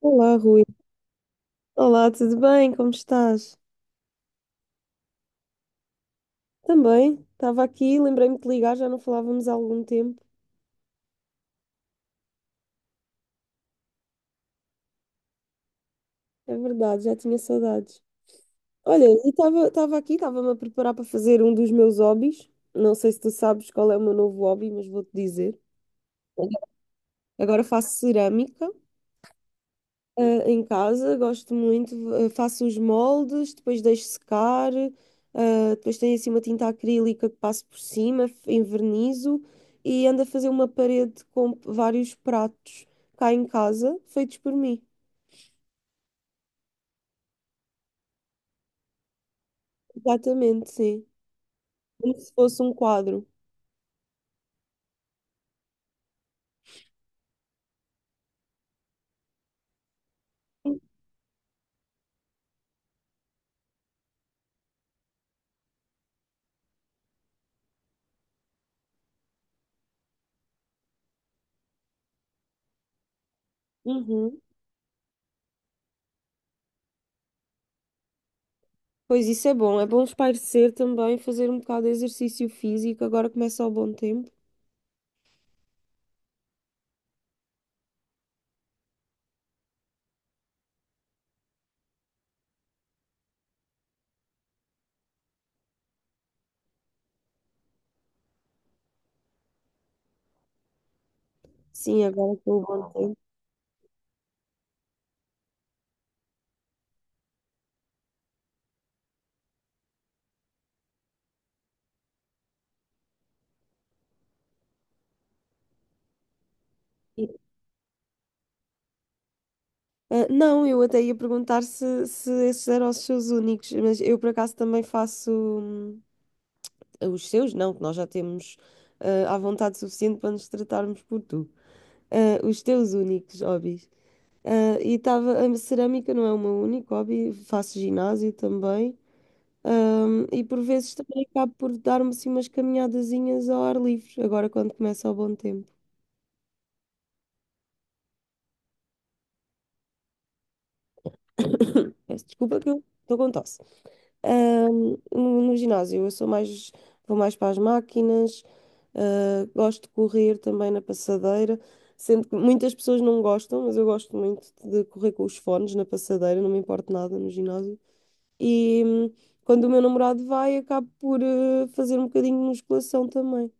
Olá, Rui. Olá, tudo bem? Como estás? Também, estava aqui, lembrei-me de ligar, já não falávamos há algum tempo. É verdade, já tinha saudades. Olha, e estava aqui, estava-me a preparar para fazer um dos meus hobbies. Não sei se tu sabes qual é o meu novo hobby, mas vou-te dizer. Agora faço cerâmica. Ah, em casa, gosto muito, faço os moldes, depois deixo secar, depois tenho assim uma tinta acrílica que passo por cima, envernizo e ando a fazer uma parede com vários pratos cá em casa, feitos por mim. Exatamente, sim. Como se fosse um quadro. Uhum. Pois isso é bom espairecer também, fazer um bocado de exercício físico, agora começa o bom tempo. Sim, agora estou o bom tempo. Ah, não, eu até ia perguntar se, se esses eram os seus únicos, mas eu por acaso também faço os seus, não, que nós já temos ah, à vontade suficiente para nos tratarmos por tu. Ah, os teus únicos hobbies. Ah, e estava, a cerâmica não é o meu único hobby, faço ginásio também. E por vezes também acabo por dar-me assim umas caminhadazinhas ao ar livre, agora quando começa o bom tempo. Peço desculpa que eu estou com tosse. No ginásio, eu sou mais, vou mais para as máquinas, gosto de correr também na passadeira, sendo que muitas pessoas não gostam, mas eu gosto muito de correr com os fones na passadeira, não me importo nada no ginásio. E quando o meu namorado vai, acabo por fazer um bocadinho de musculação também.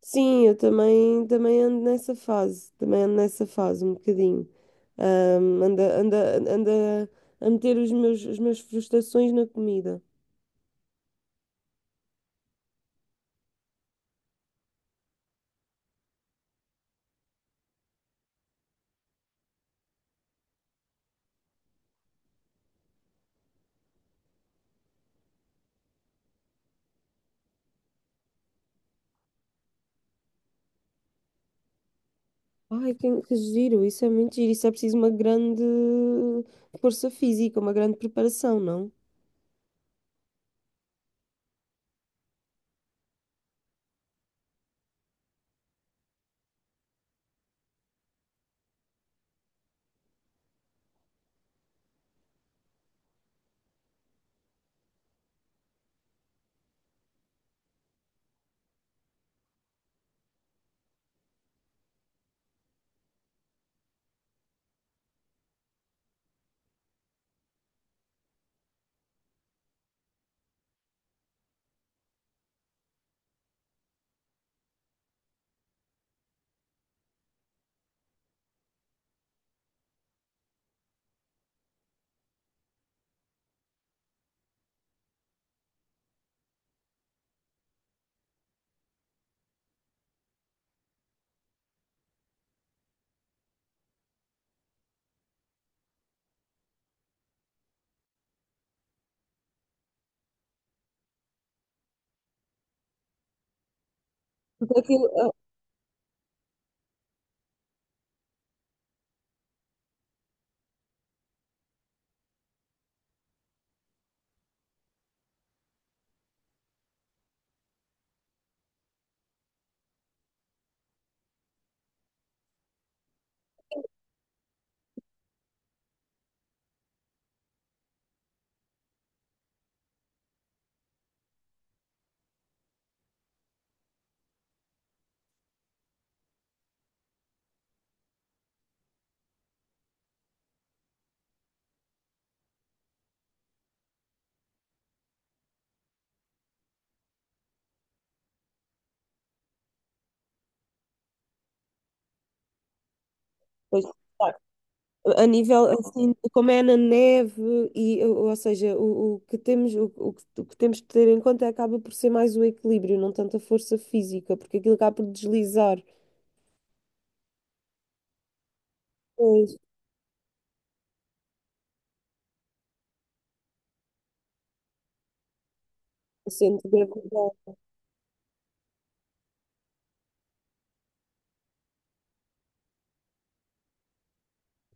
Sim, eu também, também ando nessa fase, também ando nessa fase um bocadinho. Anda, anda, anda a meter os meus, as minhas frustrações na comida. Ai, que giro, isso é muito giro. Isso é preciso uma grande força física, uma grande preparação, não? Porque aquilo, pois, claro, a nível assim, como é na neve, e, ou seja, o que temos que ter em conta acaba por ser mais o equilíbrio, não tanto a força física, porque aquilo acaba por deslizar. Pois, sente gravidade.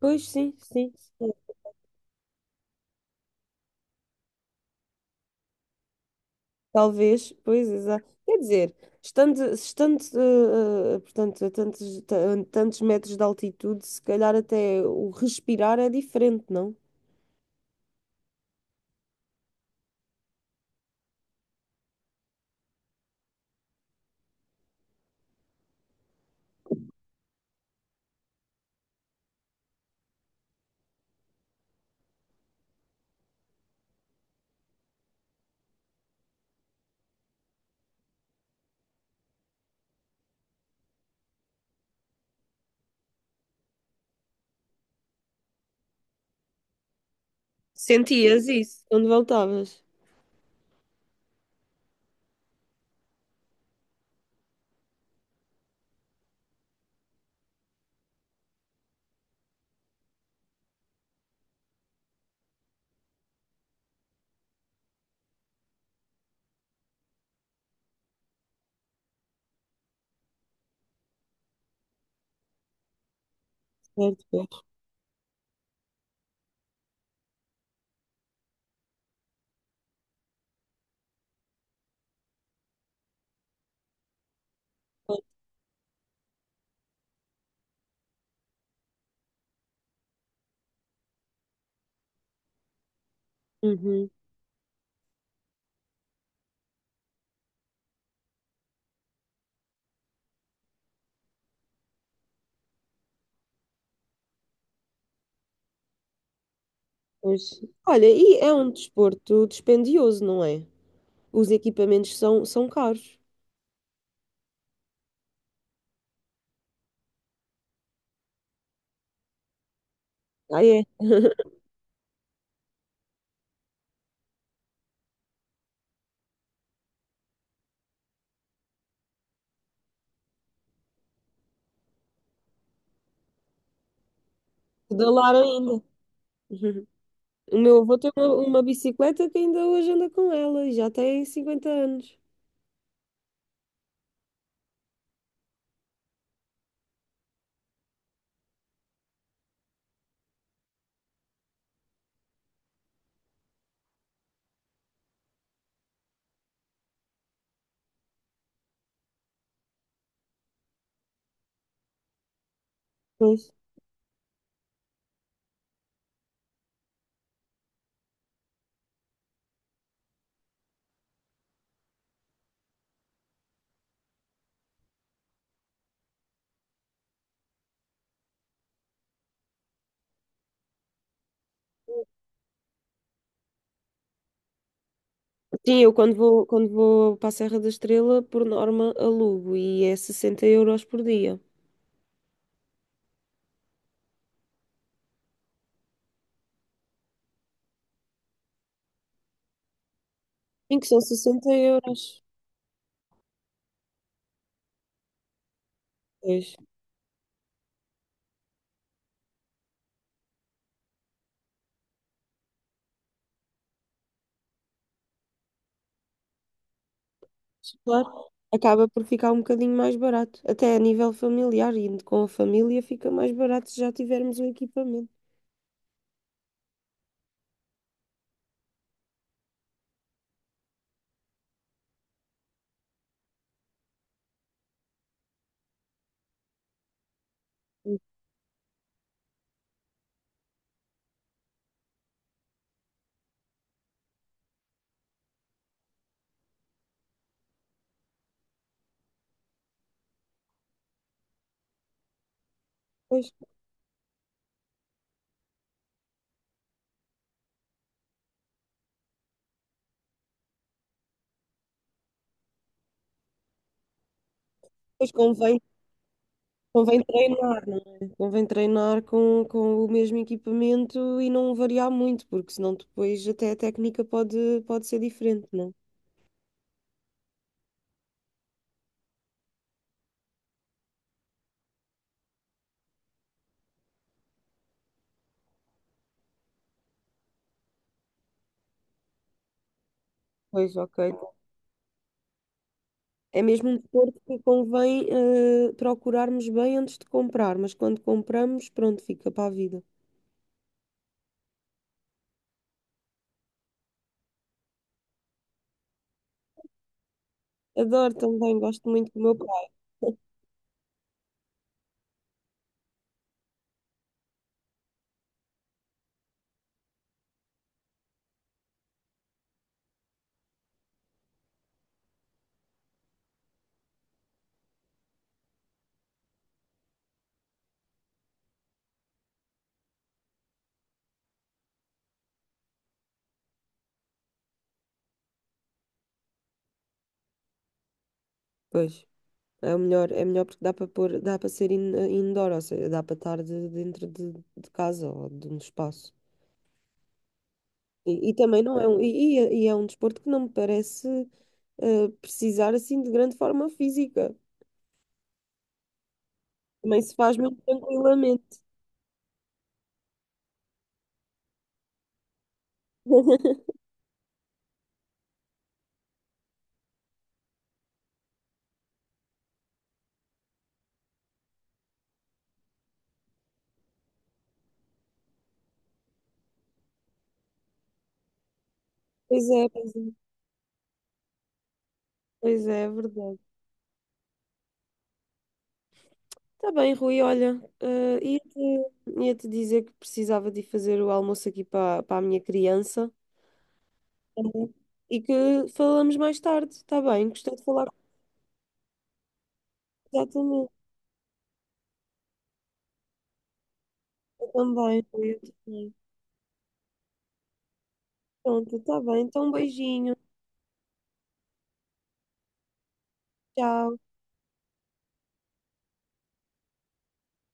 Pois, sim, sim. Talvez, pois, exato. Quer dizer, estando, estando portanto, a tantos, a tantos metros de altitude, se calhar até o respirar é diferente, não? Sentias isso? Quando voltavas. Certo, pois. Uhum, pois. Olha, e é um desporto dispendioso, não é? Os equipamentos são, são caros. Ah, é? Pedalar ainda. Uhum. O meu avô tem uma bicicleta que ainda hoje anda com ela e já tem 50 anos. Pois. Sim, eu quando vou para a Serra da Estrela, por norma, alugo e é 60 euros por dia. Em que são 60 euros. Pois, claro, acaba por ficar um bocadinho mais barato. Até a nível familiar, indo com a família, fica mais barato se já tivermos o equipamento. Pois, pois convém, convém treinar, não é? Convém treinar com o mesmo equipamento e não variar muito, porque senão depois até a técnica pode, pode ser diferente, não é? Pois, ok. É mesmo um desporto que convém procurarmos bem antes de comprar, mas quando compramos, pronto, fica para a vida. Adoro também, gosto muito do meu pai. Pois, é o melhor, é melhor porque dá para pôr, dá para ser indoor, ou seja, dá para estar dentro de casa ou de um espaço. E também não é um, e é um desporto que não me parece precisar assim de grande forma física. Também se faz muito tranquilamente. Pois é, pois é, pois é, é verdade. Está bem, Rui, olha, ia-te dizer que precisava de ir fazer o almoço aqui para para a minha criança. Uhum. E que falamos mais tarde, está bem? Gostei de falar contigo também. Eu também, Rui, eu também. Pronto, está bem, então um beijinho, tchau.